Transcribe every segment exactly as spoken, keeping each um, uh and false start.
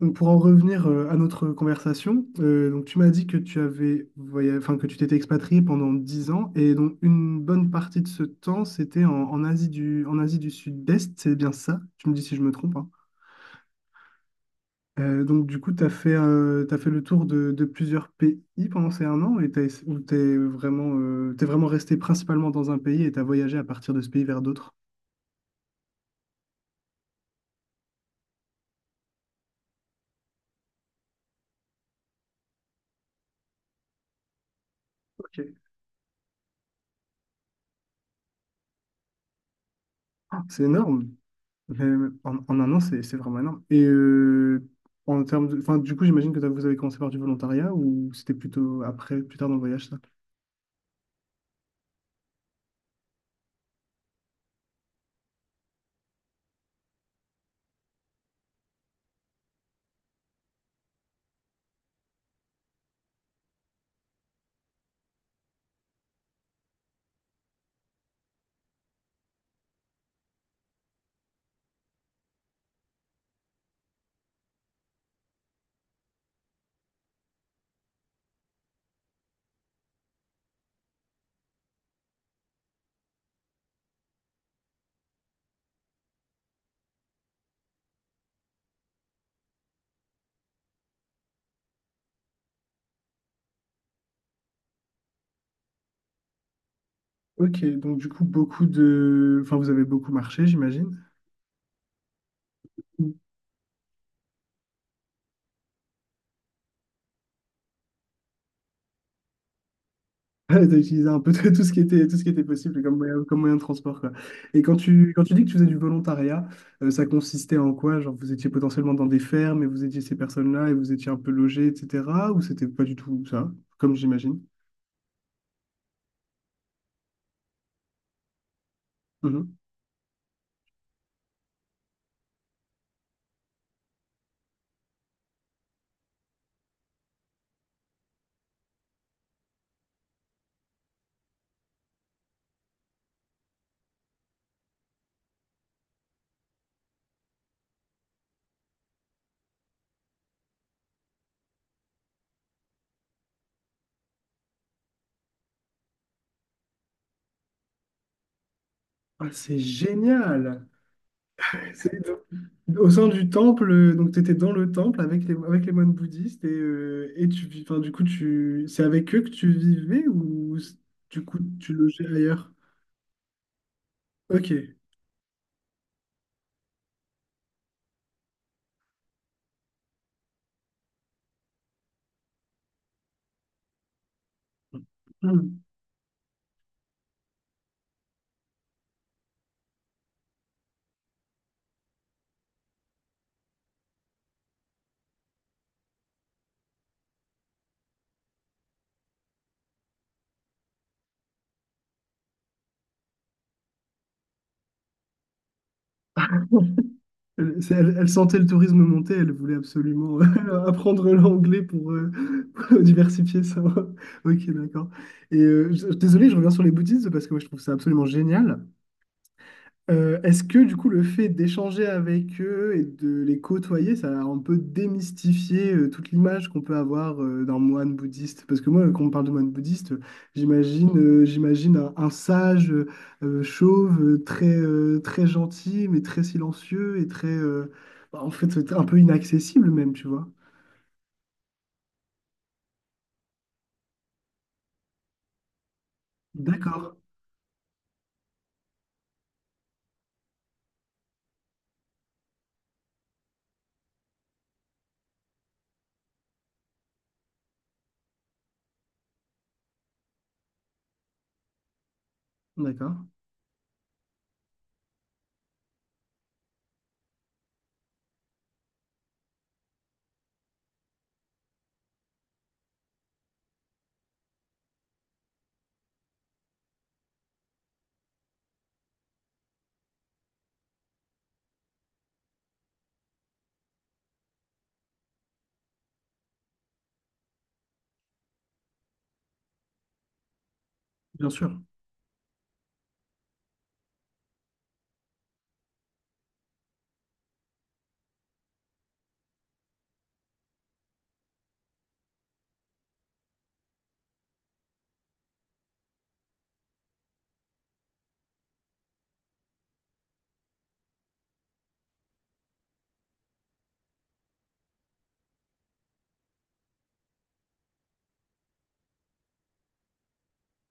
Donc, pour en revenir euh, à notre conversation, euh, donc tu m'as dit que tu avais voya- enfin, que tu t'étais expatrié pendant dix ans et donc une bonne partie de ce temps c'était en, en Asie du, en Asie du Sud-Est, c'est bien ça? Tu me dis si je me trompe, hein. Euh, donc du coup, tu as fait, euh, t'as fait le tour de, de plusieurs pays pendant ces un an et t'as, ess- ou t'es vraiment, euh, t'es vraiment resté principalement dans un pays et tu as voyagé à partir de ce pays vers d'autres. Ok. Ah, c'est énorme. Mais en, en un an, c'est c'est vraiment énorme. Et euh, en termes de, enfin, du coup, j'imagine que t'as- vous avez commencé par du volontariat ou c'était plutôt après, plus tard dans le voyage, ça? Ok, donc du coup, beaucoup de, enfin, vous avez beaucoup marché, j'imagine. Mm. T'as utilisé un peu de tout ce qui était, tout ce qui était possible comme moyen, comme moyen de transport, quoi. Et quand tu, quand tu dis que tu faisais du volontariat, euh, ça consistait en quoi? Genre, vous étiez potentiellement dans des fermes et vous étiez ces personnes-là et vous étiez un peu logés, et cetera. Ou c'était pas du tout ça, comme j'imagine? Mhm. Ah, c'est génial! Au sein du temple, euh, donc tu étais dans le temple avec les, avec les moines bouddhistes et, euh, et tu vis, enfin, du coup, tu, c'est avec eux que tu vivais ou s- du coup tu logeais ailleurs? Ok. Hmm. Elle, c'est- elle- elle sentait le tourisme monter, elle voulait absolument euh, apprendre l'anglais pour, euh, pour diversifier ça. Ok, d'accord. Et euh, je- désolé, je reviens sur les bouddhistes parce que moi je trouve ça absolument génial. Euh, est-ce que du coup le fait d'échanger avec eux et de les côtoyer, ça a un peu démystifié euh, toute l'image qu'on peut avoir euh, d'un moine bouddhiste? Parce que moi, quand on parle de moine bouddhiste, euh, j'imagine euh, j'imagine un, un sage euh, euh, chauve, euh, très, euh, très gentil, mais très silencieux et très, euh, bah, en fait, un peu inaccessible même, tu vois. D'accord, d'accord, bien sûr.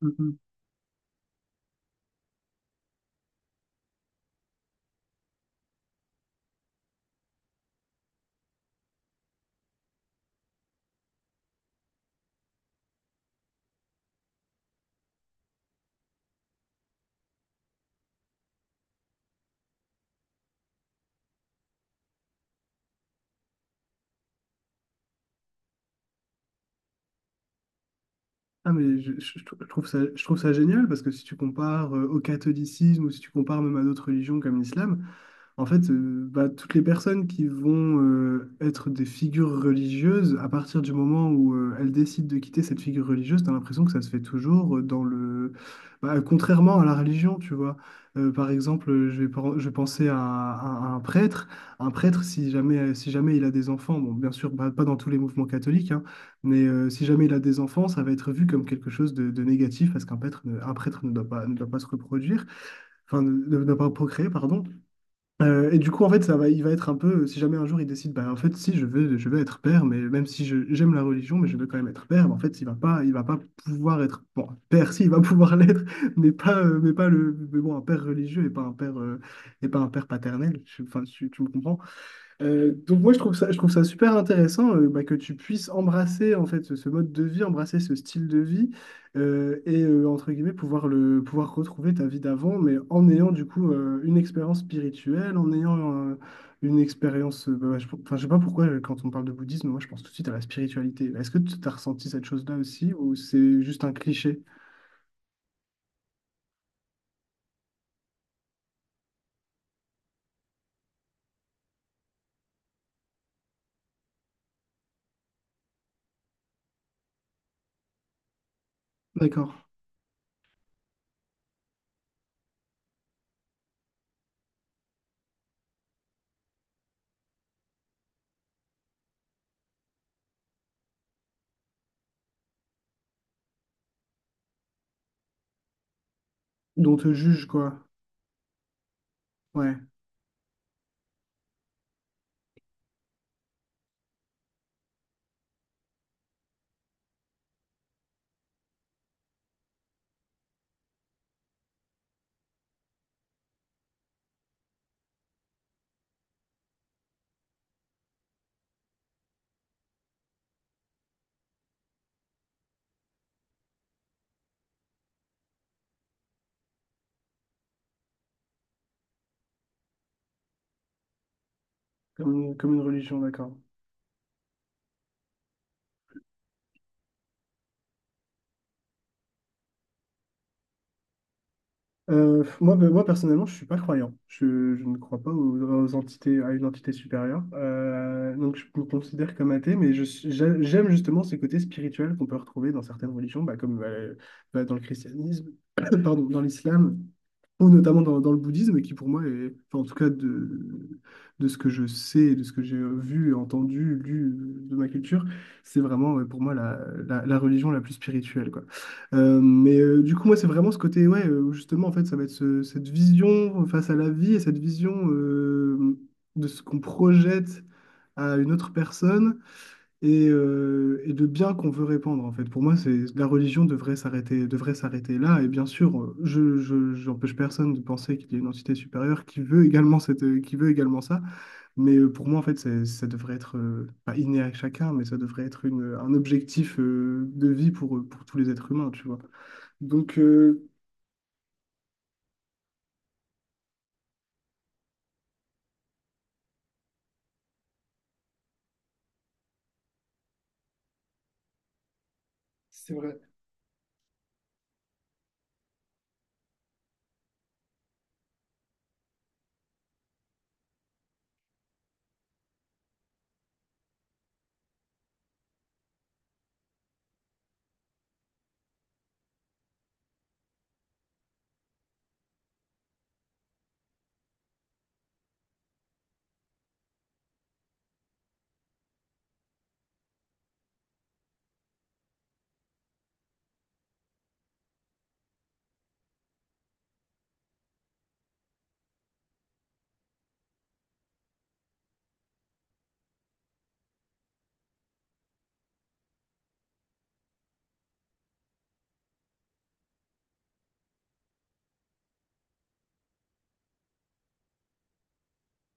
Mhm. Ah mais je, je- je trouve ça, je trouve ça génial parce que si tu compares euh, au catholicisme ou si tu compares même à d'autres religions comme l'islam. En fait, euh, bah, toutes les personnes qui vont euh, être des figures religieuses, à partir du moment où euh, elles décident de quitter cette figure religieuse, t'as l'impression que ça se fait toujours euh, dans le... bah, contrairement à la religion, tu vois. Euh, par exemple, euh, je vais, pen- je vais penser à, à- à un prêtre. Un prêtre, si jamais, euh, si jamais il a des enfants, bon, bien sûr, bah, pas dans tous les mouvements catholiques, hein, mais euh, si jamais il a des enfants, ça va être vu comme quelque chose de, de négatif parce qu'un prêtre, ne- un prêtre ne doit pas, ne doit pas se reproduire, enfin, ne ne doit pas procréer, pardon. Euh, et du coup, en fait, ça va, il va être un peu, si jamais un jour il décide, bah, en fait, si je veux, je veux être père, mais même si je- j'aime la religion, mais je veux quand même être père, en fait, il va pas, il va pas pouvoir être, bon, père, si, il va pouvoir l'être, mais pas, euh, mais pas le, mais bon, un père religieux et pas un père, euh, et pas un père paternel. Je- Enfin, tu, tu me comprends? Euh, donc moi je trouve ça, je trouve ça super intéressant euh, bah, que tu puisses embrasser en fait ce, ce mode de vie, embrasser ce style de vie euh, et euh, entre guillemets pouvoir le pouvoir retrouver ta vie d'avant, mais en ayant du coup euh, une expérience spirituelle, en ayant euh, une expérience, euh, bah, je, enfin, je sais pas pourquoi euh, quand on parle de bouddhisme, moi je pense tout de suite à la spiritualité. Est-ce que tu as ressenti cette chose-là aussi ou c'est juste un cliché? D'accord. Dont on te juge quoi? Ouais, comme une, comme une religion, d'accord. Euh, moi, ben, moi, personnellement, je suis pas croyant. Je, je ne crois pas aux, aux entités, à une entité supérieure. Euh, donc, je me considère comme athée, mais je suis- j'a- j'aime justement ce côté spirituel qu'on peut retrouver dans certaines religions, bah, comme euh, bah, dans le christianisme, pardon, dans l'islam ou notamment dans, dans le bouddhisme, qui pour moi est, enfin, en tout cas de, de ce que je sais, et de ce que j'ai vu, entendu, lu de ma culture, c'est vraiment ouais, pour moi la, la, la religion la plus spirituelle, quoi. Euh, mais euh, du coup, moi, c'est vraiment ce côté, ouais, euh, où justement, en fait, ça va être ce- cette vision face à la vie et cette vision euh, de ce qu'on projette à une autre personne et, euh, et de bien qu'on veut répandre en fait. Pour moi, c'est la religion devrait s'arrêter, devrait s'arrêter là. Et bien sûr, euh, je, je- j'empêche personne de penser qu'il y a une entité supérieure qui veut également cette, euh, qui veut également ça. Mais euh, pour moi, en fait, c'est- ça devrait être euh, pas inné à chacun, mais ça devrait être une, un objectif euh, de vie pour, euh, pour tous les êtres humains, tu vois. Donc, euh,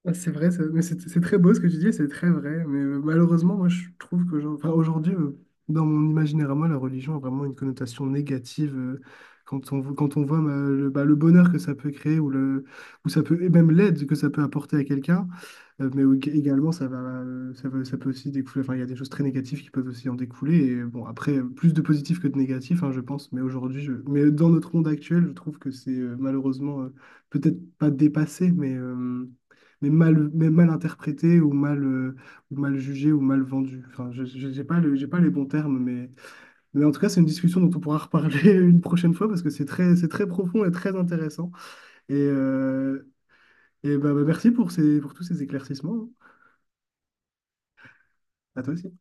ah, c'est vrai, ça- mais c'est c'est très beau ce que tu dis, c'est très vrai. Mais euh, malheureusement, moi, je trouve qu'aujourd'hui, aujourd'hui, euh, dans mon imaginaire à moi, la religion a vraiment une connotation négative. Euh, quand on, vo- quand on voit ma- le, bah, le bonheur que ça peut créer ou, le, ou ça peut, et même l'aide que ça peut apporter à quelqu'un, euh, mais ou- également, ça va, euh, ça va- ça peut aussi découler. Enfin, il y a des choses très négatives qui peuvent aussi en découler. Et euh, bon, après, euh, plus de positifs que de négatifs, hein, je pense. Mais aujourd'hui, je- mais dans notre monde actuel, je trouve que c'est euh, malheureusement euh, peut-être pas dépassé, mais. euh, mais mal, mais mal interprété ou mal, euh, ou mal jugé ou mal vendu. Enfin, je je- j'ai pas le- j'ai pas les bons termes, mais, mais en tout cas, c'est une discussion dont on pourra reparler une prochaine fois parce que c'est très, c'est très profond et très intéressant. Et, euh, et bah, bah, merci pour ces, pour tous ces éclaircissements, hein. À toi aussi.